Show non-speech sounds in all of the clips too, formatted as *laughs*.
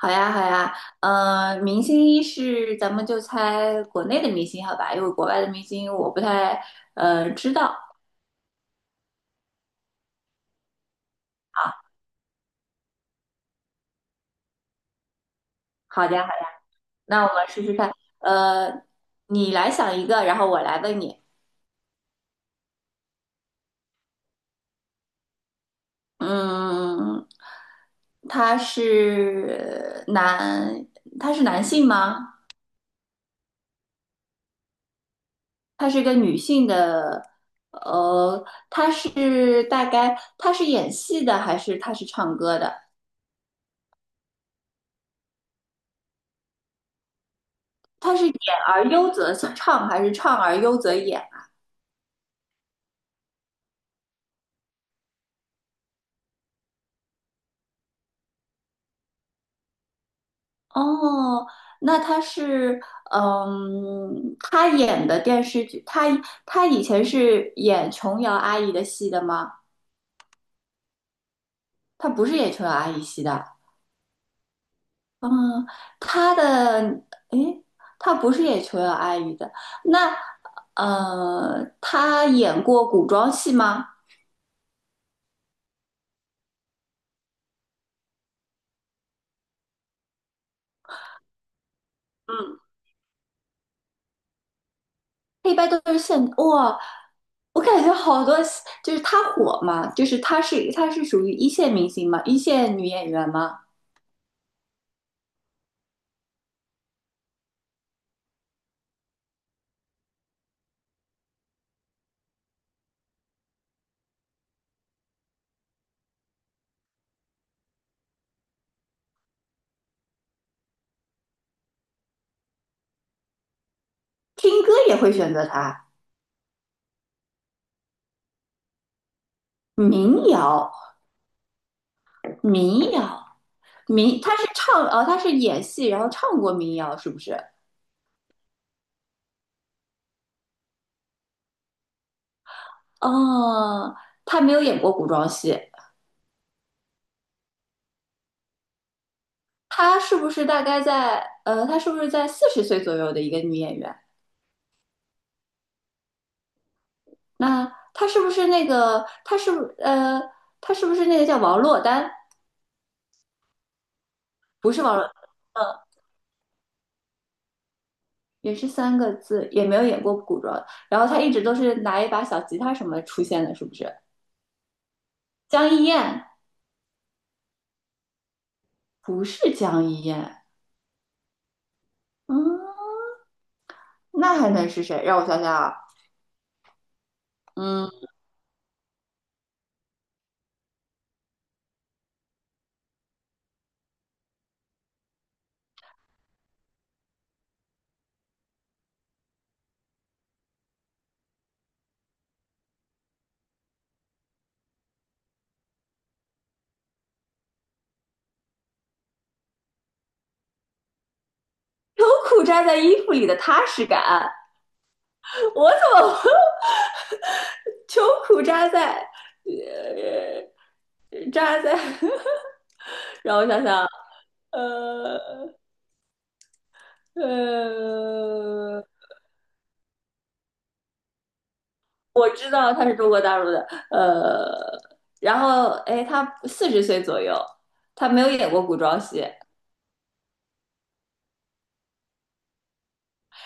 好呀，好呀，明星一是咱们就猜国内的明星，好吧？因为国外的明星我不太知道啊。好的，好的，那我们试试看。呃，你来想一个，然后我来问你。嗯，他是男，他是男性吗？他是个女性的，呃，他是大概演戏的还是他是唱歌的？它是演而优则唱，还是唱而优则演？哦，那他是，嗯，他演的电视剧，他以前是演琼瑶阿姨的戏的吗？他不是演琼瑶阿姨戏的，嗯，他的，诶，他不是演琼瑶阿姨的，那，他演过古装戏吗？嗯。一般都是现哇，我感觉好多就是她火嘛，就是她是属于一线明星嘛，一线女演员嘛，听歌也会选择她，民谣，民谣，她是唱哦，她是演戏，然后唱过民谣是不是？哦，她没有演过古装戏，她是不是大概在她是不是在四十岁左右的一个女演员？那她是不是她是不是那个叫王珞丹？不是王若，嗯，也是三个字，也没有演过古装。然后他一直都是拿一把小吉他什么出现的，是不是？江一燕不是江一燕，嗯，那还能是谁？让我想想啊，嗯，秋裤扎在衣服里的踏实感，我怎么 *laughs* 秋裤扎在，呃，扎在，*laughs* 让我想想啊，呃呃。我知道他是中国大陆的，呃，然后哎，他四十岁左右，他没有演过古装戏，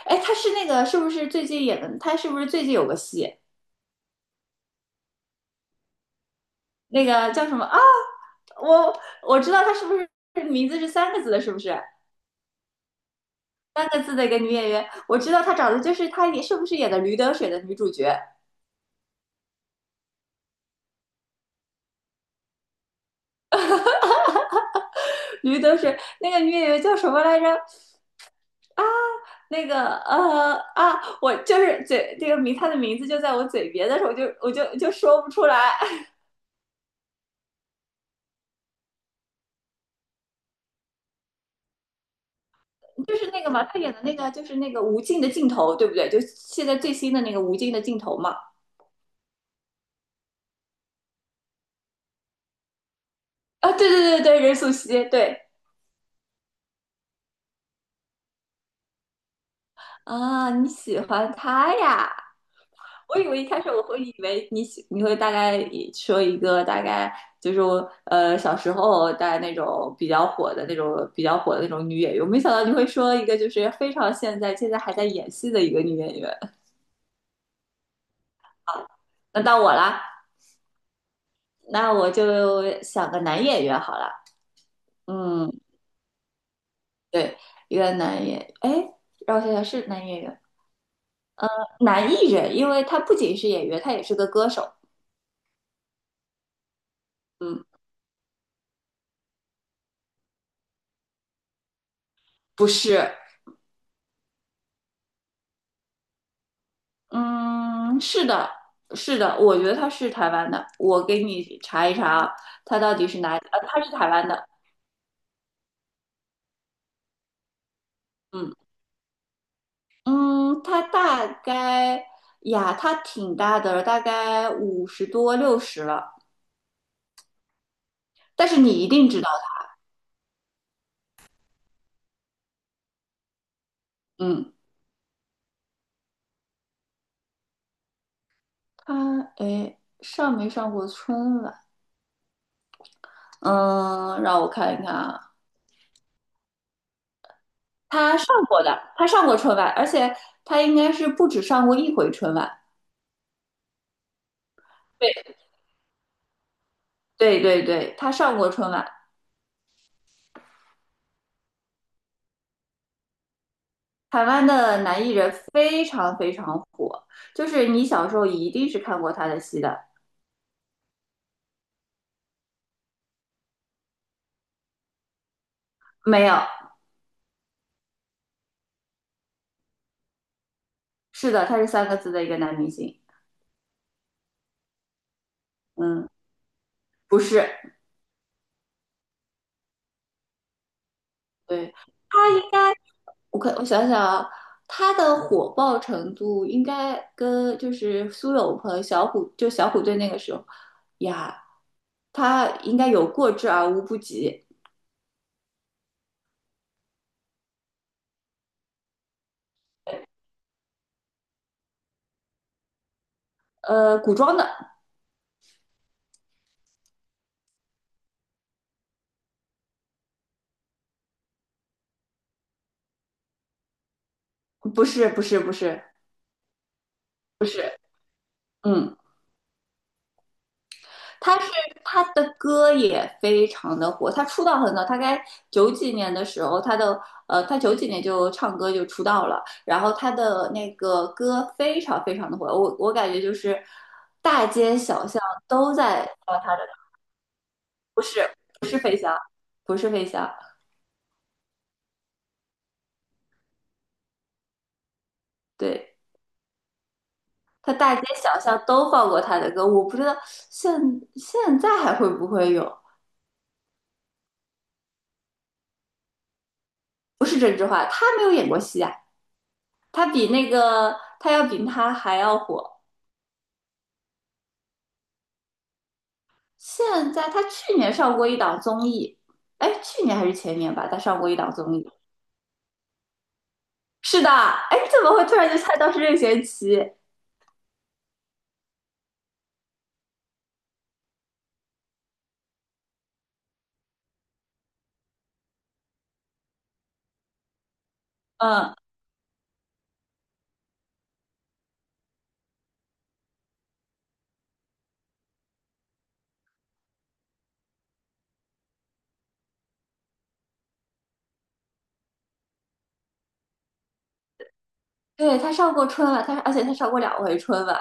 哎，他是那个是不是最近演的？他是不是最近有个戏，那个叫什么啊？我我知道他是不是名字是三个字的，是不是？三个字的一个女演员，我知道她长得就是她也是不是演的《驴得水》的女主角？驴得水那个女演员叫什么来着？那个我就是嘴这个名，她的名字就在我嘴边，但是我就说不出来。就是那个嘛，他演的那个就是那个无尽的尽头，对不对？就现在最新的那个无尽的尽头嘛。啊，对对对对，任素汐，对啊，你喜欢他呀？我以为一开始我会以为你会大概说一个大概就是小时候大概那种比较火的那种女演员，我没想到你会说一个就是非常现在还在演戏的一个女演员。那到我啦，那我就想个男演员好了，嗯。对，一个男演员，哎，让我想想是男演员，男艺人，因为他不仅是演员，他也是个歌手。嗯，不是，嗯，是的，是的，我觉得他是台湾的，我给你查一查啊，他到底是哪？他是台湾的。嗯嗯，他挺大的了大概50多60了，但是你一定知道。嗯，哎上没上过春晚？嗯，让我看一看啊，他上过的，他上过春晚，而且他应该是不止上过一回春晚。对对对对，他上过春晚。台湾的男艺人非常非常火，就是你小时候一定是看过他的戏的。没有，是的，他是三个字的一个男明星。嗯，不是，对，应该我想想啊，他的火爆程度应该跟就是苏有朋、小虎，就小虎队那个时候呀，他应该有过之而无不及。古装的，不是，不是，不是，不是，嗯，他是他的歌也非常的火，他出道很早，大概九几年的时候，他九几年就唱歌就出道了，然后他的那个歌非常非常的火，我感觉就是大街小巷都在放他的，不是，不是飞翔，对。他大街小巷都放过他的歌，我不知道现现在还会不会有。不是郑智化，他没有演过戏啊。他要比他还要火。现在他去年上过一档综艺，哎，去年还是前年吧，他上过一档综艺。是的，哎，你怎么会突然就猜到是任贤齐？嗯，对，他上过春晚，而且他上过两回春晚，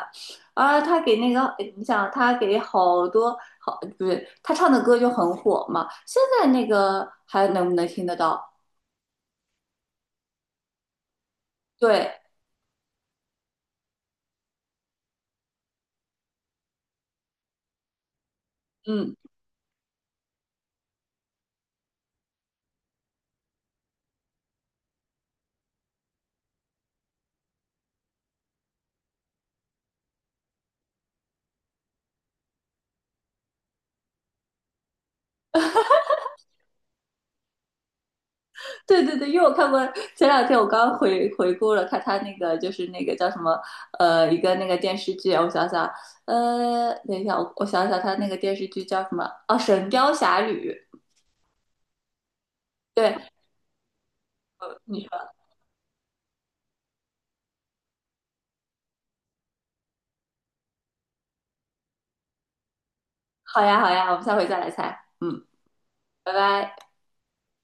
啊，他给那个，哎你想他给好多好，不是他唱的歌就很火嘛。现在那个还能不能听得到？对，嗯。对对对，因为我看过，前两天我刚回顾了看他那个，就是那个叫什么，一个那个电视剧啊，我想想，等一下，我想想，他那个电视剧叫什么？哦，《神雕侠侣》。对，你说好呀好呀，我们下回再来猜。嗯，拜拜。